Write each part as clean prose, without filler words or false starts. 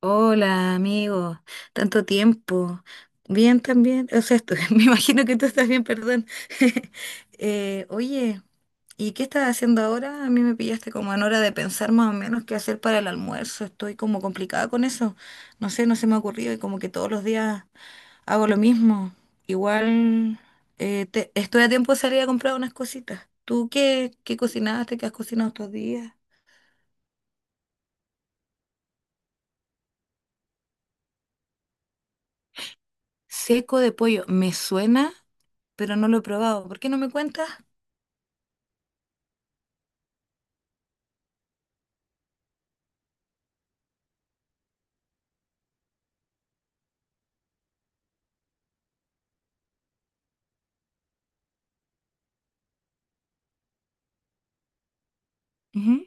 Hola, amigo. Tanto tiempo. Bien también. O sea, me imagino que tú estás bien, perdón. Oye, ¿y qué estás haciendo ahora? A mí me pillaste como en hora de pensar más o menos qué hacer para el almuerzo. Estoy como complicada con eso. No sé, no se me ha ocurrido y como que todos los días hago lo mismo. Igual estoy a tiempo de salir a comprar unas cositas. ¿Tú qué cocinaste? ¿Qué has cocinado estos días? Seco de pollo. Me suena, pero no lo he probado. ¿Por qué no me cuentas? Ujú.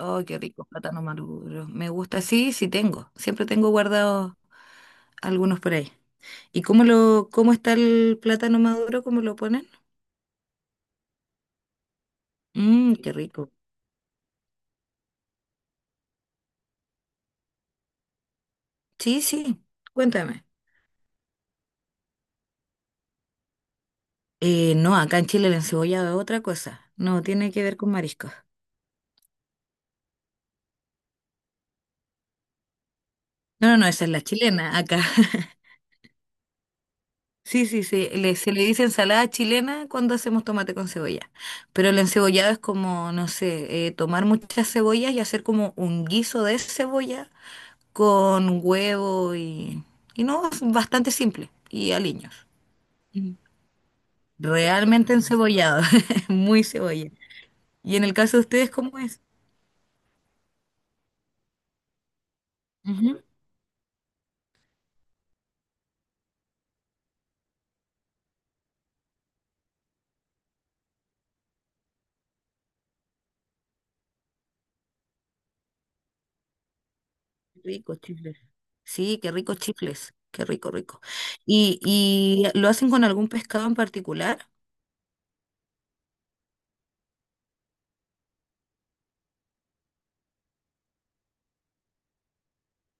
Oh, qué rico, plátano maduro. Me gusta, sí, sí tengo. Siempre tengo guardados algunos por ahí. ¿Y cómo está el plátano maduro? ¿Cómo lo ponen? Mmm, qué rico. Sí, sí, cuéntame. No, acá en Chile la encebollado es otra cosa. No, tiene que ver con mariscos. No, no, no, esa es la chilena acá. Sí, sí, sí. Se le dice ensalada chilena cuando hacemos tomate con cebolla. Pero el encebollado es como, no sé, tomar muchas cebollas y hacer como un guiso de cebolla con huevo y no, es bastante simple y aliños. Mm. Realmente encebollado, muy cebolla. Y en el caso de ustedes, ¿cómo es? Ujú. Rico, chifles. Sí, qué rico chifles, qué rico, rico. ¿Y lo hacen con algún pescado en particular?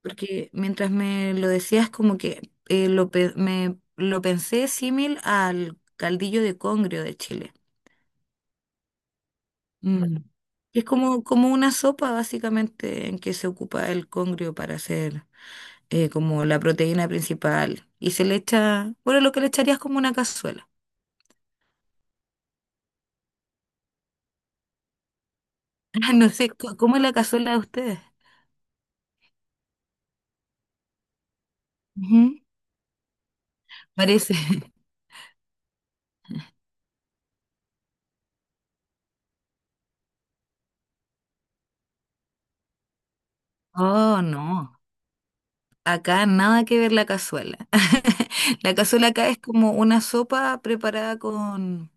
Porque mientras me lo decías, como que lo pensé símil al caldillo de congrio de Chile. Mm. Es como, como una sopa, básicamente, en que se ocupa el congrio para hacer como la proteína principal. Y se le echa, bueno, lo que le echarías como una cazuela. No sé, ¿cómo es la cazuela de ustedes? Ujú. Parece. Oh, no. Acá nada que ver la cazuela. La cazuela acá es como una sopa preparada con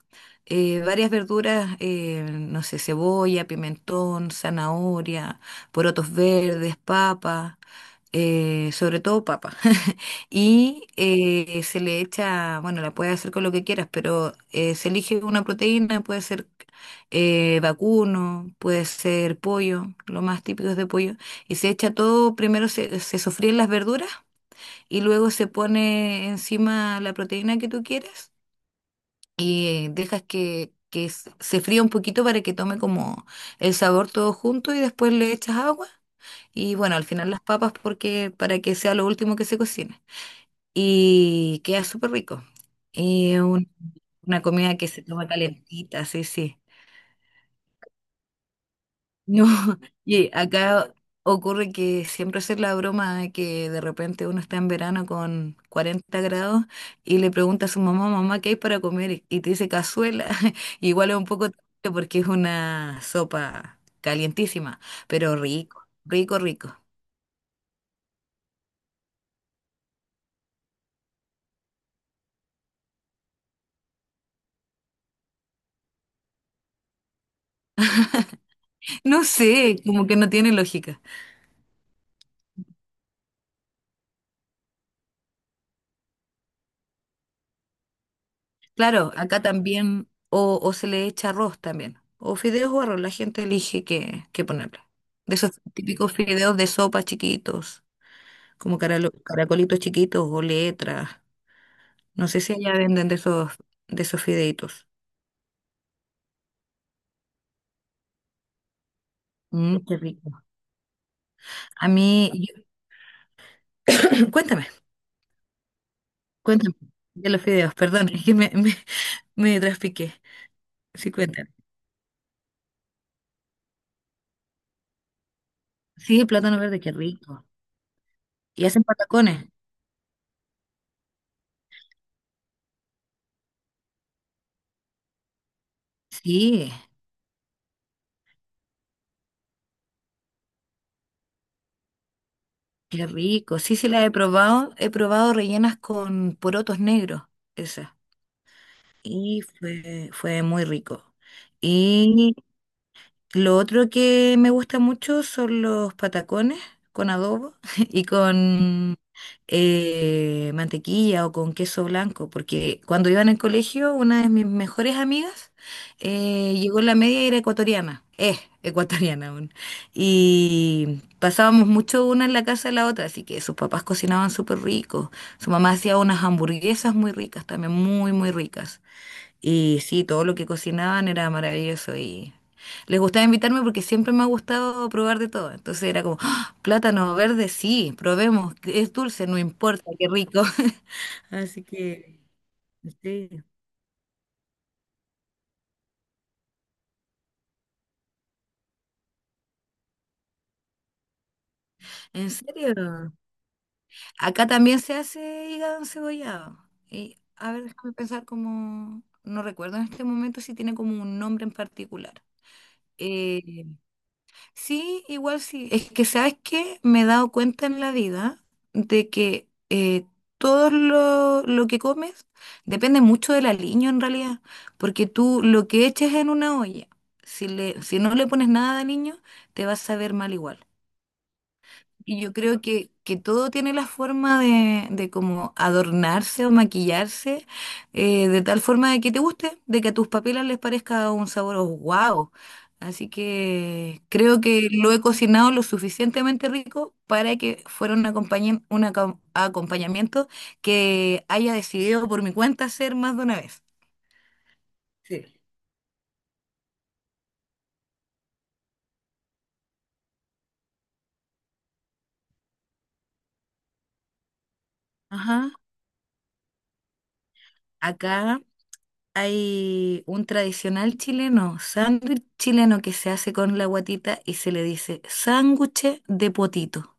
varias verduras, no sé, cebolla, pimentón, zanahoria, porotos verdes, papa, sobre todo papa. Y se le echa, bueno, la puedes hacer con lo que quieras, pero se elige una proteína, puede ser vacuno, puede ser pollo, lo más típico es de pollo, y se echa todo, primero se sofríen las verduras y luego se pone encima la proteína que tú quieras y dejas que se fría un poquito para que tome como el sabor todo junto y después le echas agua y bueno, al final las papas porque para que sea lo último que se cocine. Y queda súper rico. Y un- una comida que se toma calentita, sí, sí. No, y acá ocurre que siempre hacer la broma de que de repente uno está en verano con 40 grados y le pregunta a su mamá, mamá, ¿qué hay para comer? Y te dice cazuela. Igual es un poco triste porque es una sopa calientísima, pero rico, rico, rico. No sé, como que no tiene lógica. Claro, acá también, o se le echa arroz también, o fideos o arroz, la gente elige qué ponerle. De esos típicos fideos de sopa chiquitos. Como caracolitos chiquitos o letras. No sé si allá venden de esos fideitos. Mm, qué rico. A mí, yo- cuéntame, cuéntame de los fideos, perdón, es que me traspiqué. Sí, cuéntame. Sí, plátano verde, qué rico. ¿Y hacen patacones? Sí, qué rico. Sí, sí, las he probado. He probado rellenas con porotos negros, esas. Y fue muy rico. Y lo otro que me gusta mucho son los patacones con adobo y con mantequilla o con queso blanco, porque cuando iba en el colegio, una de mis mejores amigas llegó en la media y era ecuatoriana, es ecuatoriana aún, y pasábamos mucho una en la casa de la otra, así que sus papás cocinaban súper rico, su mamá hacía unas hamburguesas muy ricas, también muy, muy ricas. Y sí, todo lo que cocinaban era maravilloso y les gustaba invitarme porque siempre me ha gustado probar de todo. Entonces era como, "¡Ah! Plátano verde, sí, probemos, es dulce, no importa, qué rico". Así que, sí, en serio. Acá también se hace hígado encebollado. Y a ver, déjame pensar como, no recuerdo en este momento si tiene como un nombre en particular. Eh, Sí, igual sí. Es que, ¿sabes qué? Me he dado cuenta en la vida de que todo lo que comes depende mucho del aliño en realidad, porque tú lo que eches en una olla, si no le pones nada de aliño, te va a saber mal igual. Y yo creo que todo tiene la forma de, como adornarse o maquillarse de tal forma de que te guste, de que a tus papilas les parezca un sabor wow. Así que creo que lo he cocinado lo suficientemente rico para que fuera un acompañamiento que haya decidido por mi cuenta hacer más de una vez. Sí. Ajá, acá. Hay un tradicional chileno, sándwich chileno que se hace con la guatita y se le dice sándwich de potito.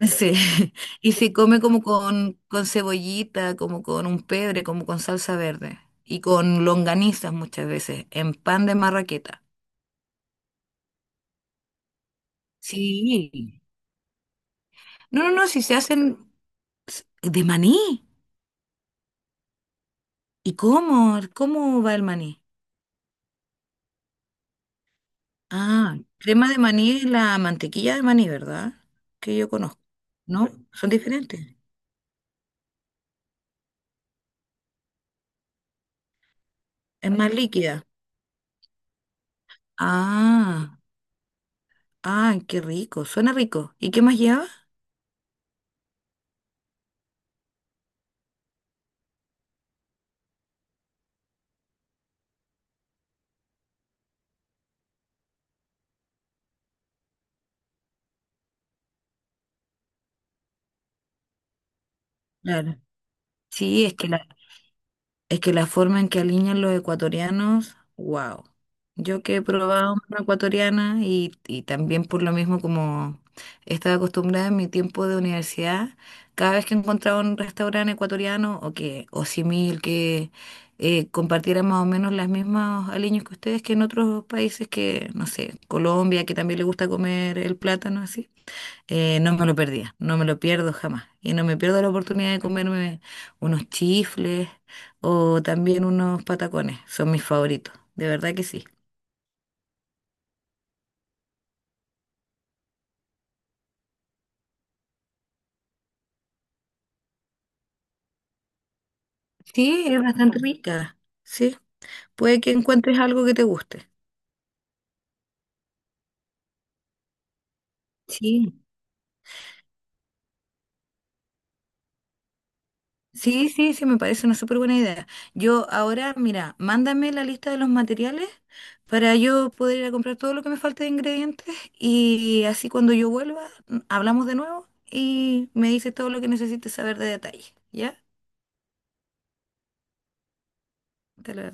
Sí, y se come como con, cebollita, como con un pebre, como con salsa verde y con longanizas muchas veces, en pan de marraqueta. Sí. No, no, no, si se hacen de maní. ¿Y cómo? ¿Cómo va el maní? Ah, crema de maní es la mantequilla de maní, ¿verdad? Que yo conozco, ¿no? Son diferentes. Es más líquida. Ah, ah, qué rico, suena rico. ¿Y qué más lleva? Claro. Sí, es Es que la forma en que alinean los ecuatorianos, wow. Yo que he probado una ecuatoriana y también por lo mismo como estaba acostumbrada en mi tiempo de universidad, cada vez que encontraba un restaurante ecuatoriano o simil que compartiera más o menos las mismas aliños que ustedes que en otros países que, no sé, Colombia, que también le gusta comer el plátano así. No me lo perdía, no me lo pierdo jamás. Y no me pierdo la oportunidad de comerme unos chifles o también unos patacones. Son mis favoritos, de verdad que sí. Sí, es bastante rica. Sí, puede que encuentres algo que te guste. Sí. Sí, sí, sí, me parece una súper buena idea. Yo ahora, mira, mándame la lista de los materiales para yo poder ir a comprar todo lo que me falte de ingredientes y así cuando yo vuelva, hablamos de nuevo y me dices todo lo que necesites saber de detalle, ¿ya? Te lo